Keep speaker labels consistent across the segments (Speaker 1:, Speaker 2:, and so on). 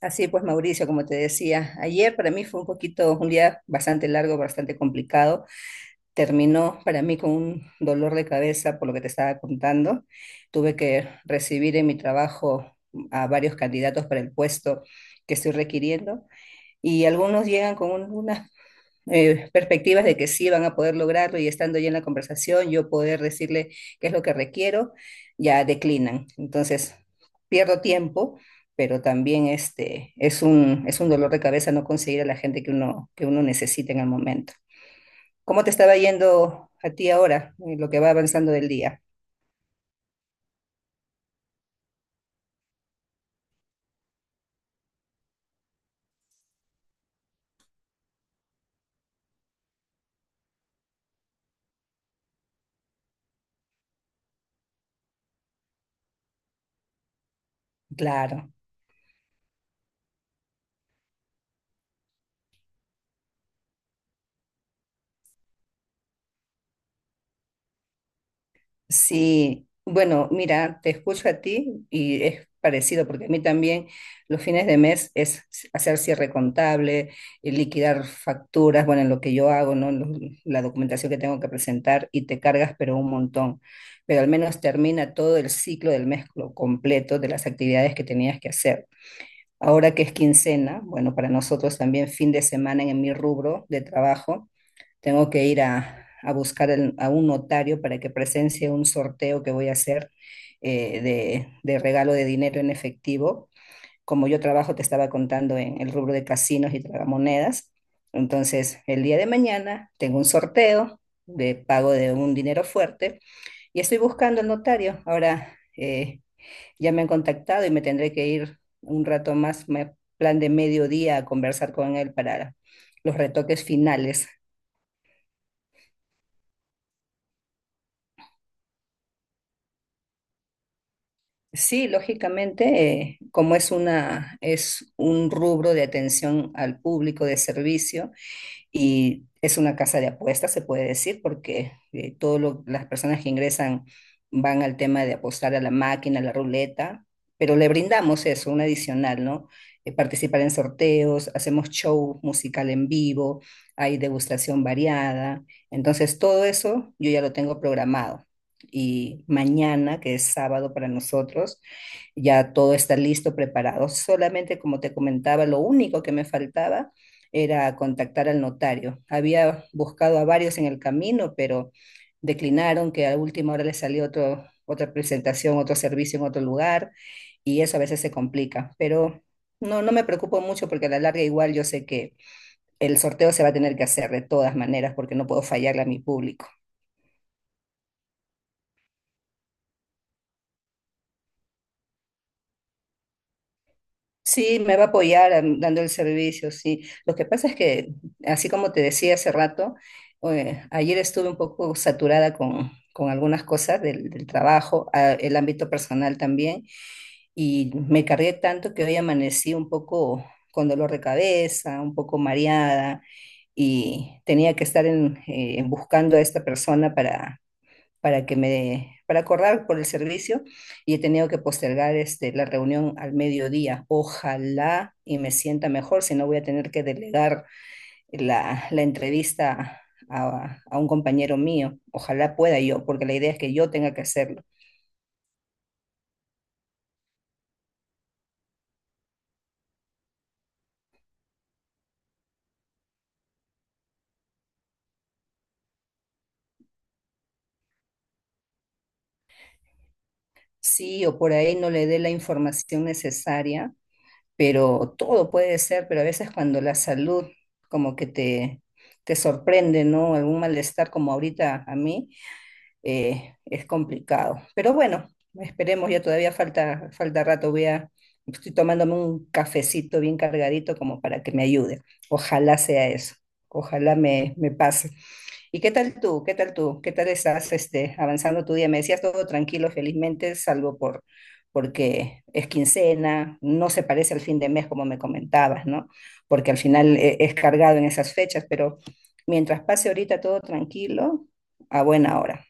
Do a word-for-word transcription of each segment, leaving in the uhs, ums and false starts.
Speaker 1: Así pues, Mauricio, como te decía, ayer para mí fue un poquito, un día bastante largo, bastante complicado. Terminó para mí con un dolor de cabeza por lo que te estaba contando. Tuve que recibir en mi trabajo a varios candidatos para el puesto que estoy requiriendo y algunos llegan con un- unas eh, perspectivas de que sí van a poder lograrlo y estando ya en la conversación, yo poder decirle qué es lo que requiero, ya declinan. Entonces, pierdo tiempo, pero también este, es un, es un dolor de cabeza no conseguir a la gente que uno, que uno necesita en el momento. ¿Cómo te estaba yendo a ti ahora, en lo que va avanzando del día? Claro. Sí, bueno, mira, te escucho a ti y es parecido, porque a mí también los fines de mes es hacer cierre contable, eh, liquidar facturas, bueno, en lo que yo hago, ¿no? Lo- La documentación que tengo que presentar y te cargas, pero un montón. Pero al menos termina todo el ciclo del mes lo completo de las actividades que tenías que hacer. Ahora que es quincena, bueno, para nosotros también fin de semana en mi rubro de trabajo. Tengo que ir a, a buscar el- a un notario para que presencie un sorteo que voy a hacer eh, de, de regalo de dinero en efectivo. Como yo trabajo, te estaba contando en el rubro de casinos y tragamonedas. Entonces, el día de mañana tengo un sorteo de pago de un dinero fuerte y estoy buscando el notario. Ahora eh, ya me han contactado y me tendré que ir un rato más, me- plan de mediodía, a conversar con él para los retoques finales. Sí, lógicamente, eh, como es una, es un rubro de atención al público de servicio, y es una casa de apuestas, se puede decir, porque eh, todo lo las personas que ingresan van al tema de apostar a la máquina, a la ruleta, pero le brindamos eso, un adicional, ¿no? Eh, participar en sorteos, hacemos show musical en vivo, hay degustación variada. Entonces, todo eso yo ya lo tengo programado. Y mañana, que es sábado para nosotros, ya todo está listo, preparado. Solamente, como te comentaba, lo único que me faltaba era contactar al notario. Había buscado a varios en el camino, pero declinaron que a última hora les salió otro, otra presentación, otro servicio en otro lugar, y eso a veces se complica. Pero no, no me preocupo mucho porque a la larga igual yo sé que el sorteo se va a tener que hacer de todas maneras porque no puedo fallarle a mi público. Sí, me va a apoyar am- dando el servicio, sí. Lo que pasa es que, así como te decía hace rato, eh, ayer estuve un poco saturada con, con algunas cosas del, del trabajo, a- el ámbito personal también, y me cargué tanto que hoy amanecí un poco con dolor de cabeza, un poco mareada, y tenía que estar en, eh, buscando a esta persona para que me, para acordar por el servicio y he tenido que postergar este, la reunión al mediodía. Ojalá y me sienta mejor, si no voy a tener que delegar la, la entrevista a, a un compañero mío. Ojalá pueda yo, porque la idea es que yo tenga que hacerlo. Sí, o por ahí no le dé la información necesaria, pero todo puede ser, pero a veces cuando la salud como que te, te sorprende, ¿no? Algún malestar como ahorita a mí, eh, es complicado. Pero bueno, esperemos, ya todavía falta, falta rato, voy a, estoy tomándome un cafecito bien cargadito como para que me ayude. Ojalá sea eso, ojalá me, me pase. ¿Y qué tal tú? ¿Qué tal tú? ¿Qué tal estás este, avanzando tu día? Me decías todo tranquilo, felizmente, salvo por... porque es quincena, no se parece al fin de mes como me comentabas, ¿no? Porque al final eh, es cargado en esas fechas, pero mientras pase ahorita todo tranquilo, a buena hora.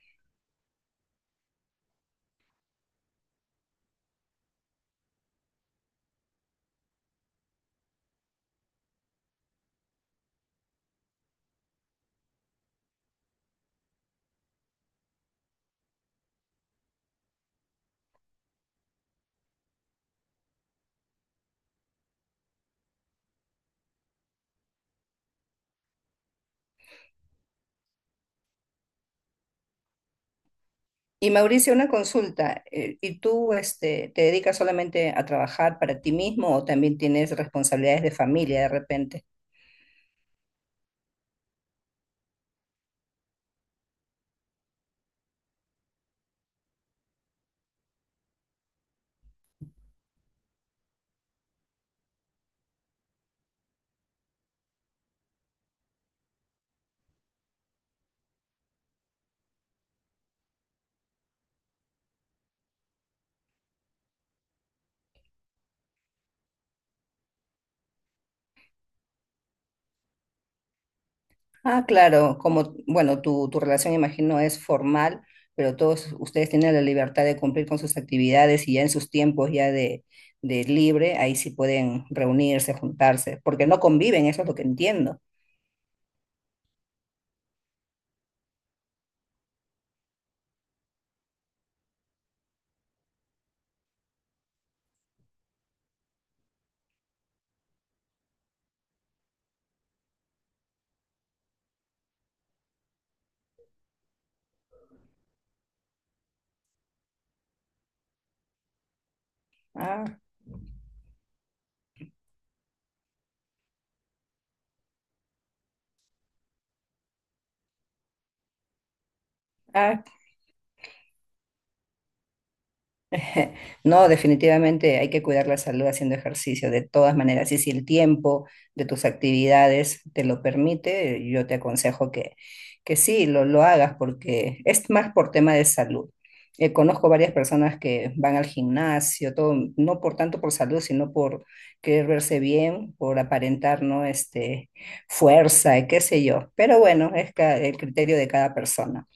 Speaker 1: Y Mauricio, una consulta. eh, ¿Y tú este, te dedicas solamente a trabajar para ti mismo o también tienes responsabilidades de familia de repente? Ah, claro, como, bueno, tu, tu relación imagino es formal, pero todos ustedes tienen la libertad de cumplir con sus actividades y ya en sus tiempos ya de, de libre, ahí sí pueden reunirse, juntarse, porque no conviven, eso es lo que entiendo. Ah, ah, No, definitivamente hay que cuidar la salud haciendo ejercicio de todas maneras. Y si el tiempo de tus actividades te lo permite, yo te aconsejo que, que sí, lo, lo hagas porque es más por tema de salud. Eh, conozco varias personas que van al gimnasio, todo, no por tanto por salud, sino por querer verse bien, por aparentar, ¿no? Este, fuerza, y qué sé yo. Pero bueno, es ca- el criterio de cada persona.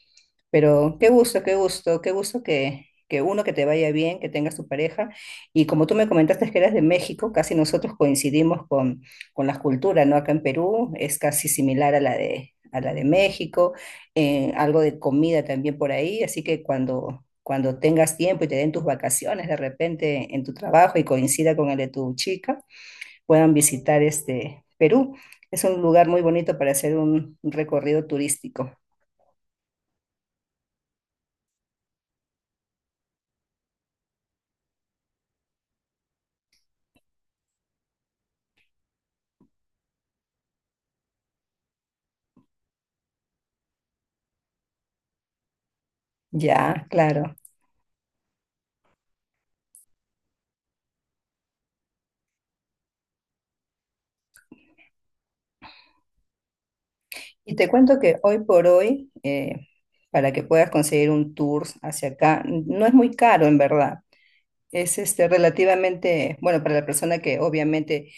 Speaker 1: Pero qué gusto, qué gusto, qué gusto que, que uno que te vaya bien, que tengas tu pareja. Y como tú me comentaste que eras de México, casi nosotros coincidimos con, con las culturas, ¿no? Acá en Perú es casi similar a la de, a la de México, eh, algo de comida también por ahí, así que cuando, cuando tengas tiempo y te den tus vacaciones de repente en tu trabajo y coincida con el de tu chica, puedan visitar este Perú. Es un lugar muy bonito para hacer un un recorrido turístico. Ya, claro. Y te cuento que hoy por hoy, eh, para que puedas conseguir un tour hacia acá, no es muy caro en verdad. Es este, relativamente, bueno, para la persona que obviamente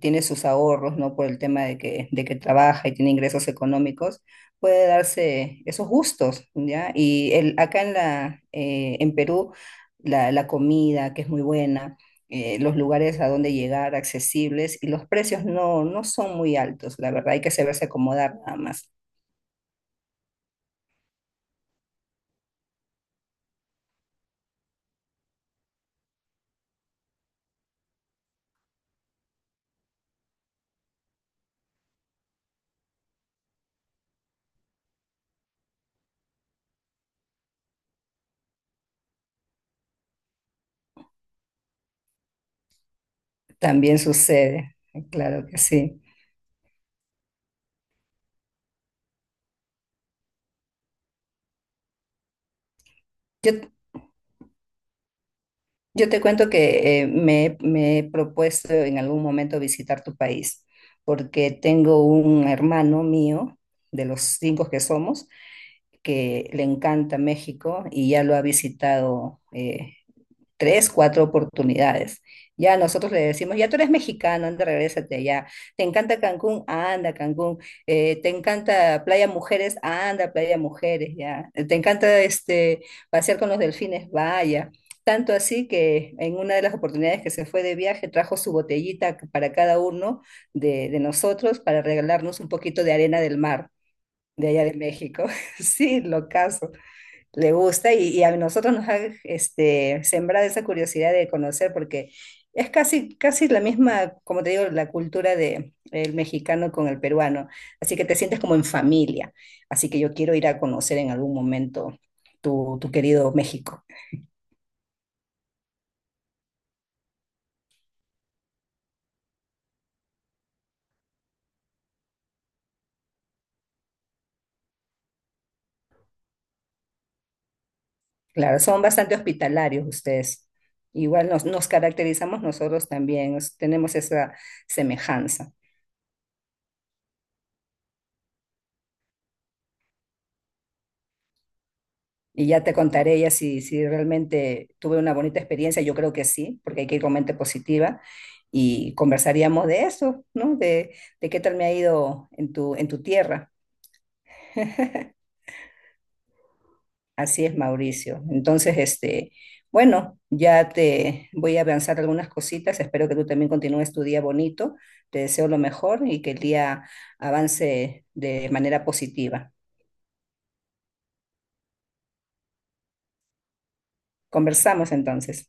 Speaker 1: tiene sus ahorros, ¿no? Por el tema de que, de que trabaja y tiene ingresos económicos, puede darse esos gustos, ¿ya? Y el, acá en la, eh, en Perú, la, la comida, que es muy buena, eh, los lugares a donde llegar accesibles y los precios no, no son muy altos, la verdad, hay que saberse acomodar nada más. También sucede, claro que sí. Yo, yo te cuento que eh, me, me he propuesto en algún momento visitar tu país, porque tengo un hermano mío, de los cinco que somos, que le encanta México y ya lo ha visitado eh, tres, cuatro oportunidades. Ya nosotros le decimos, ya tú eres mexicano, anda, regrésate ya. ¿Te encanta Cancún? Anda, Cancún. Eh, ¿te encanta Playa Mujeres? Anda, Playa Mujeres, ya. Eh, ¿Te encanta este, pasear con los delfines? Vaya. Tanto así que en una de las oportunidades que se fue de viaje trajo su botellita para cada uno de, de nosotros para regalarnos un poquito de arena del mar de allá de México. Sí, lo caso le gusta y, y a nosotros nos ha este, sembrado esa curiosidad de conocer porque es casi, casi la misma, como te digo, la cultura de el mexicano con el peruano, así que te sientes como en familia, así que yo quiero ir a conocer en algún momento tu, tu querido México. Claro, son bastante hospitalarios ustedes. Igual nos, nos caracterizamos nosotros también, nos- tenemos esa semejanza. Y ya te contaré ya si, si realmente tuve una bonita experiencia, yo creo que sí, porque hay que ir con mente positiva y conversaríamos de eso, ¿no? De, de qué tal me ha ido en tu, en tu tierra. Así es, Mauricio. Entonces, este, bueno, ya te voy a avanzar algunas cositas. Espero que tú también continúes tu día bonito. Te deseo lo mejor y que el día avance de manera positiva. Conversamos entonces.